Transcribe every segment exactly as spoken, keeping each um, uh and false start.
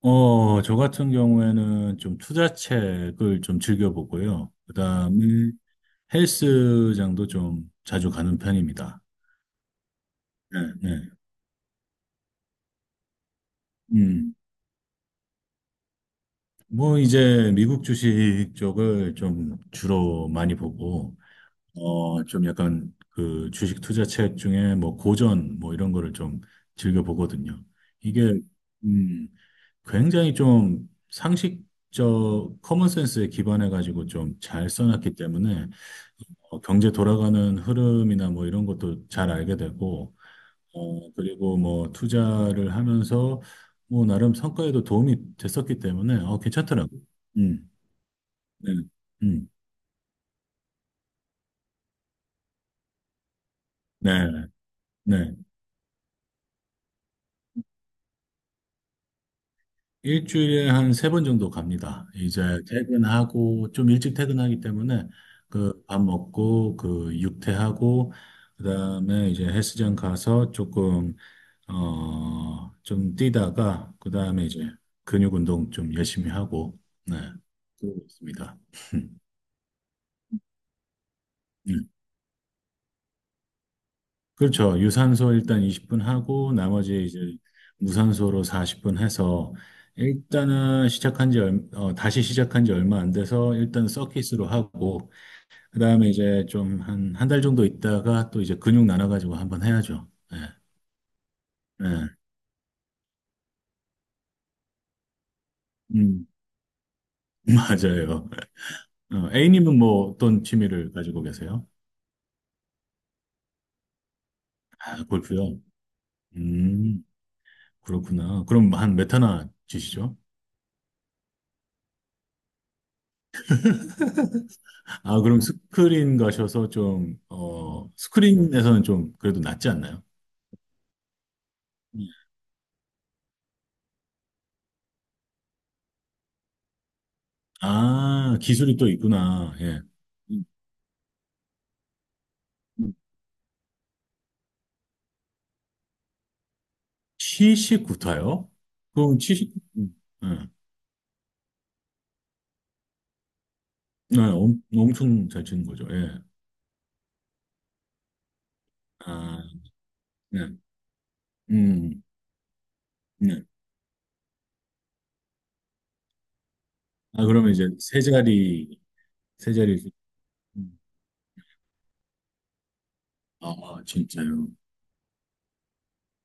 어, 저 같은 경우에는 좀 투자책을 좀 즐겨보고요. 그다음에 헬스장도 좀 자주 가는 편입니다. 네, 네. 음. 뭐 이제 미국 주식 쪽을 좀 주로 많이 보고 어, 좀 약간 그 주식 투자책 중에 뭐 고전 뭐 이런 거를 좀 즐겨 보거든요. 이게 음, 굉장히 좀 상식적 커먼센스에 기반해 가지고 좀 잘 써놨기 때문에 어, 경제 돌아가는 흐름이나 뭐 이런 것도 잘 알게 되고, 어, 그리고 뭐 투자를 하면서 뭐 나름 성과에도 도움이 됐었기 때문에 어, 괜찮더라고요. 음, 네, 음, 네, 네. 일주일에 한 세 번 정도 갑니다. 이제 퇴근하고 좀 일찍 퇴근하기 때문에 그 밥 먹고 그 육퇴하고 그다음에 이제 헬스장 가서 조금 어 좀 뛰다가 그다음에 이제 근육 운동 좀 열심히 하고 네. 그러고 있습니다. 음. 그렇죠. 유산소 일단 이십 분 하고 나머지 이제 무산소로 사십 분 해서 일단은 시작한 지 얼- 어, 다시 시작한 지 얼마 안 돼서 일단 서킷으로 하고 그다음에 이제 좀 한 한 달 정도 있다가 또 이제 근육 나눠 가지고 한번 해야죠. 예. 예. 음. 맞아요. 어, A님은 뭐 어떤 취미를 가지고 계세요? 아, 골프요. 음, 그렇구나. 그럼 한 몇 타나 치시죠? 아, 그럼 스크린 가셔서 좀, 어, 스크린에서는 좀 그래도 낫지 않나요? 음. 아, 기술이 또 있구나. 예. 음, 음. 칠십구 타요? 그럼 칠십, 음, 예. 네, 엄, 엄청 잘 치는 거죠. 예. 아, 네. 음, 네. 아, 그러면 이제 세 자리, 세 자리. 음. 아, 진짜요?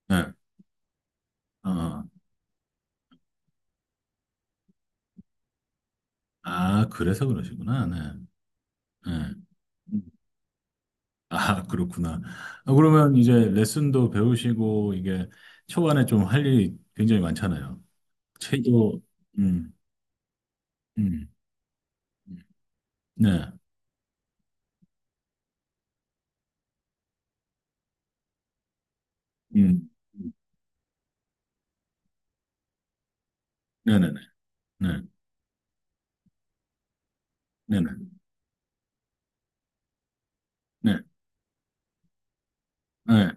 네. 아, 아, 그래서 그러시구나. 네. 네. 아, 그렇구나. 아, 그러면 이제 레슨도 배우시고, 이게 초반에 좀 할 일이 굉장히 많잖아요. 체조, 음, 음, 네, 음, 네네네, 네, 네네, 네, 네. 네, 네, 네.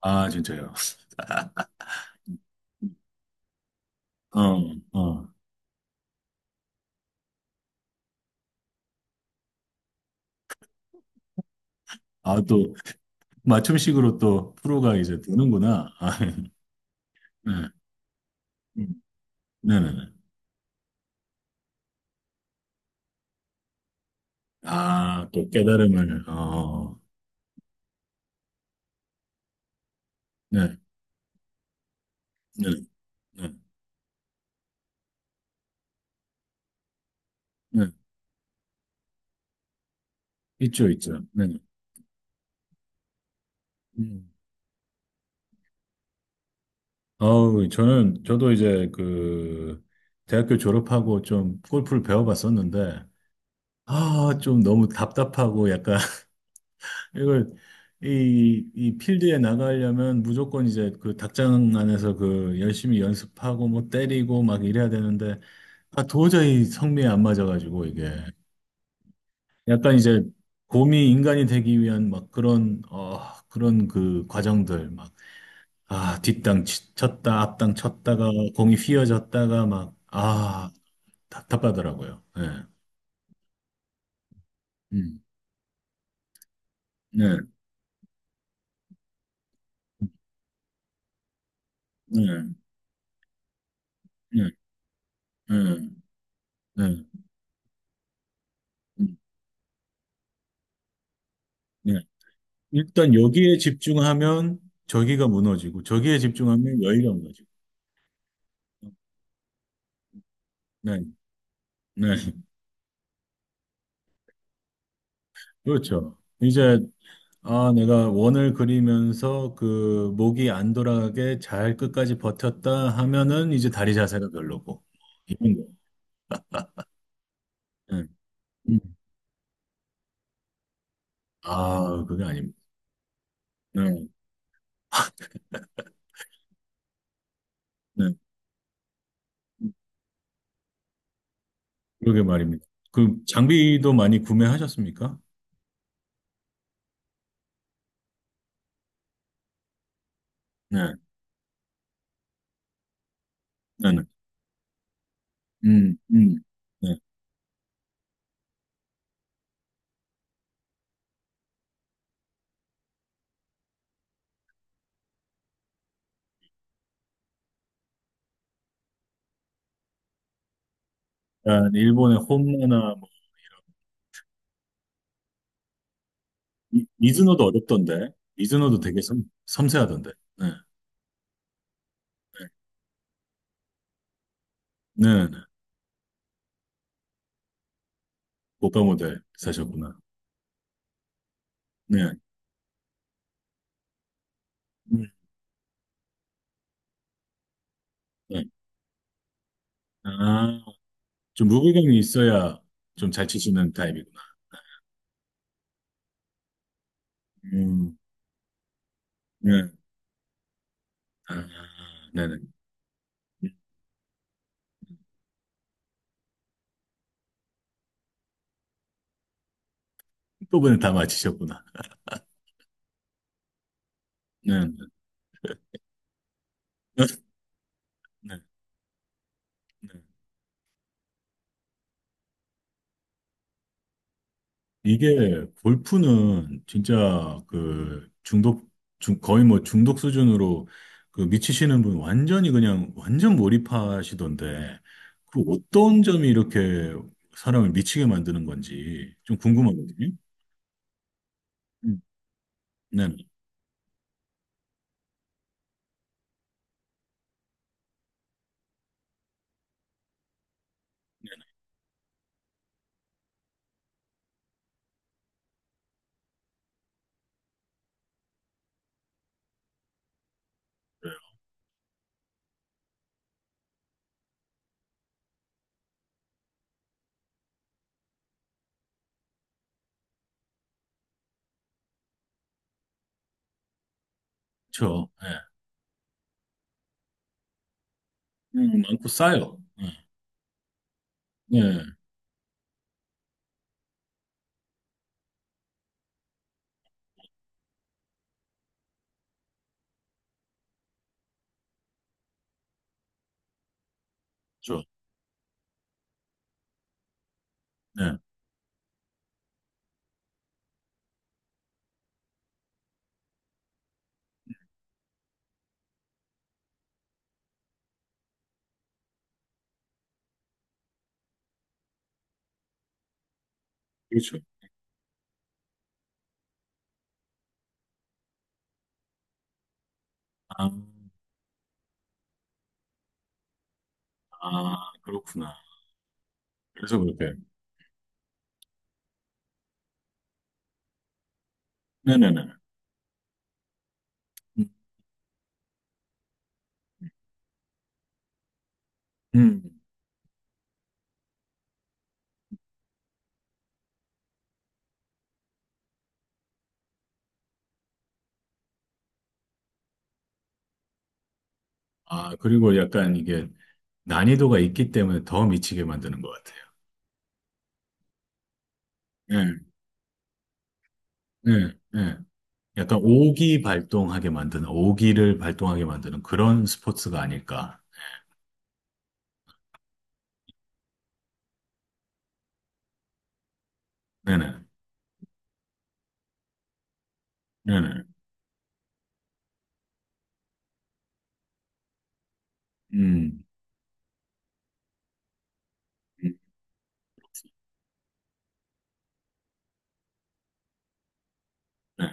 아, 진짜요. 어, 어. 아, 또, 맞춤식으로 또 프로가 이제 되는구나. 아, 네, 음, 네네네. 아, 또 깨달음을, 어, 네, 네, 네, 네. 있죠, 있죠. 네, 네. 음. 아우, 저는, 저도 이제 그, 대학교 졸업하고 좀 골프를 배워봤었는데, 아, 좀 너무 답답하고 약간, 이걸, 이, 이 필드에 나가려면 무조건 이제 그 닭장 안에서 그 열심히 연습하고 뭐 때리고 막 이래야 되는데, 아, 도저히 성미에 안 맞아가지고 이게. 약간 이제 곰이 인간이 되기 위한 막 그런, 어, 그런 그 과정들, 아, 뒷땅 치- 쳤다, 앞땅 쳤다가 공이 휘어졌다가 막, 아, 답답하더라고요. 예. 음. 네, 네, 네, 네, 네, 음, 네. 일단 여기에 집중하면 저기가 무너지고, 저기에 집중하면 여기가 무너지고. 네, 네. 그렇죠. 이제, 아, 내가 원을 그리면서 그 목이 안 돌아가게 잘 끝까지 버텼다 하면은 이제 다리 자세가 별로고. 이런 거. 네. 음. 아, 그게 아닙니다. 네. 네, 그러게 말입니다. 그 장비도 많이 구매하셨습니까? 네, 네, 네. 음, 음. 네. 약간 일본의 홈모나 뭐, 미- 미즈노도 어렵던데. 미즈노도 되게 섬, 섬세하던데. 네, 네, 네. 고가 모델 사셨구나. 네, 음, 네. 아, 좀 무게감이 있어야 좀 잘 치시는 타입이구나. 음, 네. 아, 네네. 부분은 다 맞히셨구나. 네, 네, 네. 네. 이게 골프는 진짜 그 중독, 중, 거의 뭐 중독 수준으로 그 미치시는 분 완전히 그냥 완전 몰입하시던데 그 어떤 점이 이렇게 사람을 미치게 만드는 건지 좀 궁금하거든요. 음. 네, 그렇죠. 네. 음, 많고 싸요. 네, 네, 그렇죠. 네, 그렇죠. 아, 아, 그렇구나. 그래서 그렇게. 네네네. 음. 음. 아, 그리고 약간 이게 난이도가 있기 때문에 더 미치게 만드는 것 같아요. 예, 예, 예. 약간 오기 발동하게 만드는, 오기를 발동하게 만드는 그런 스포츠가 아닐까. 네네, 네네. 음, 음, 네.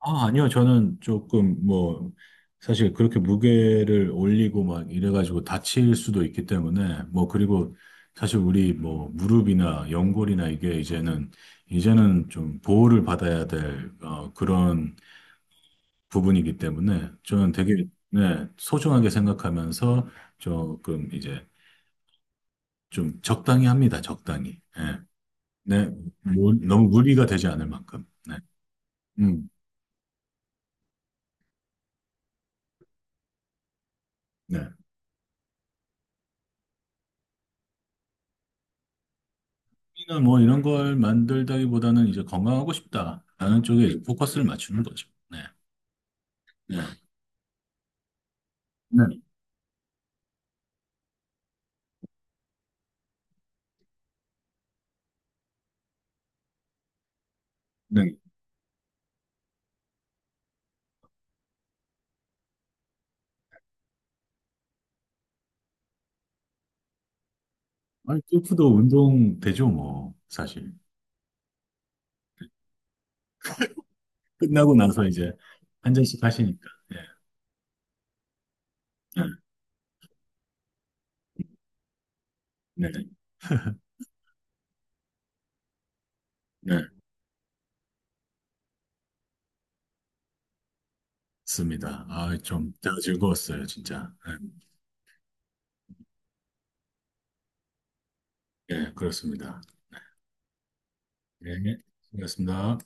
아, 아니요. 저는 조금 뭐, 사실 그렇게 무게를 올리고 막 이래가지고 다칠 수도 있기 때문에, 뭐, 그리고 사실 우리 뭐, 무릎이나 연골이나 이게 이제는, 이제는 좀 보호를 받아야 될, 어, 그런 부분이기 때문에 저는 되게 네, 소중하게 생각하면서 조금 이제 좀 적당히 합니다. 적당히. 예. 네, 뭐, 너무 무리가 되지 않을 만큼. 네. 음, 네. 이나 뭐 이런 걸 만들다기보다는 이제 건강하고 싶다라는 쪽에 이제 포커스를 맞추는 거죠. 네. 네. 네. 네. 아니, 골프도 운동 되죠, 뭐, 사실. 끝나고 나서 이제 한 잔씩 하시니까. 네. 네. 네. 네. 맞습니다. 아, 좀, 제가 즐거웠어요, 진짜. 예, 그렇습니다. 예, 수고하셨습니다.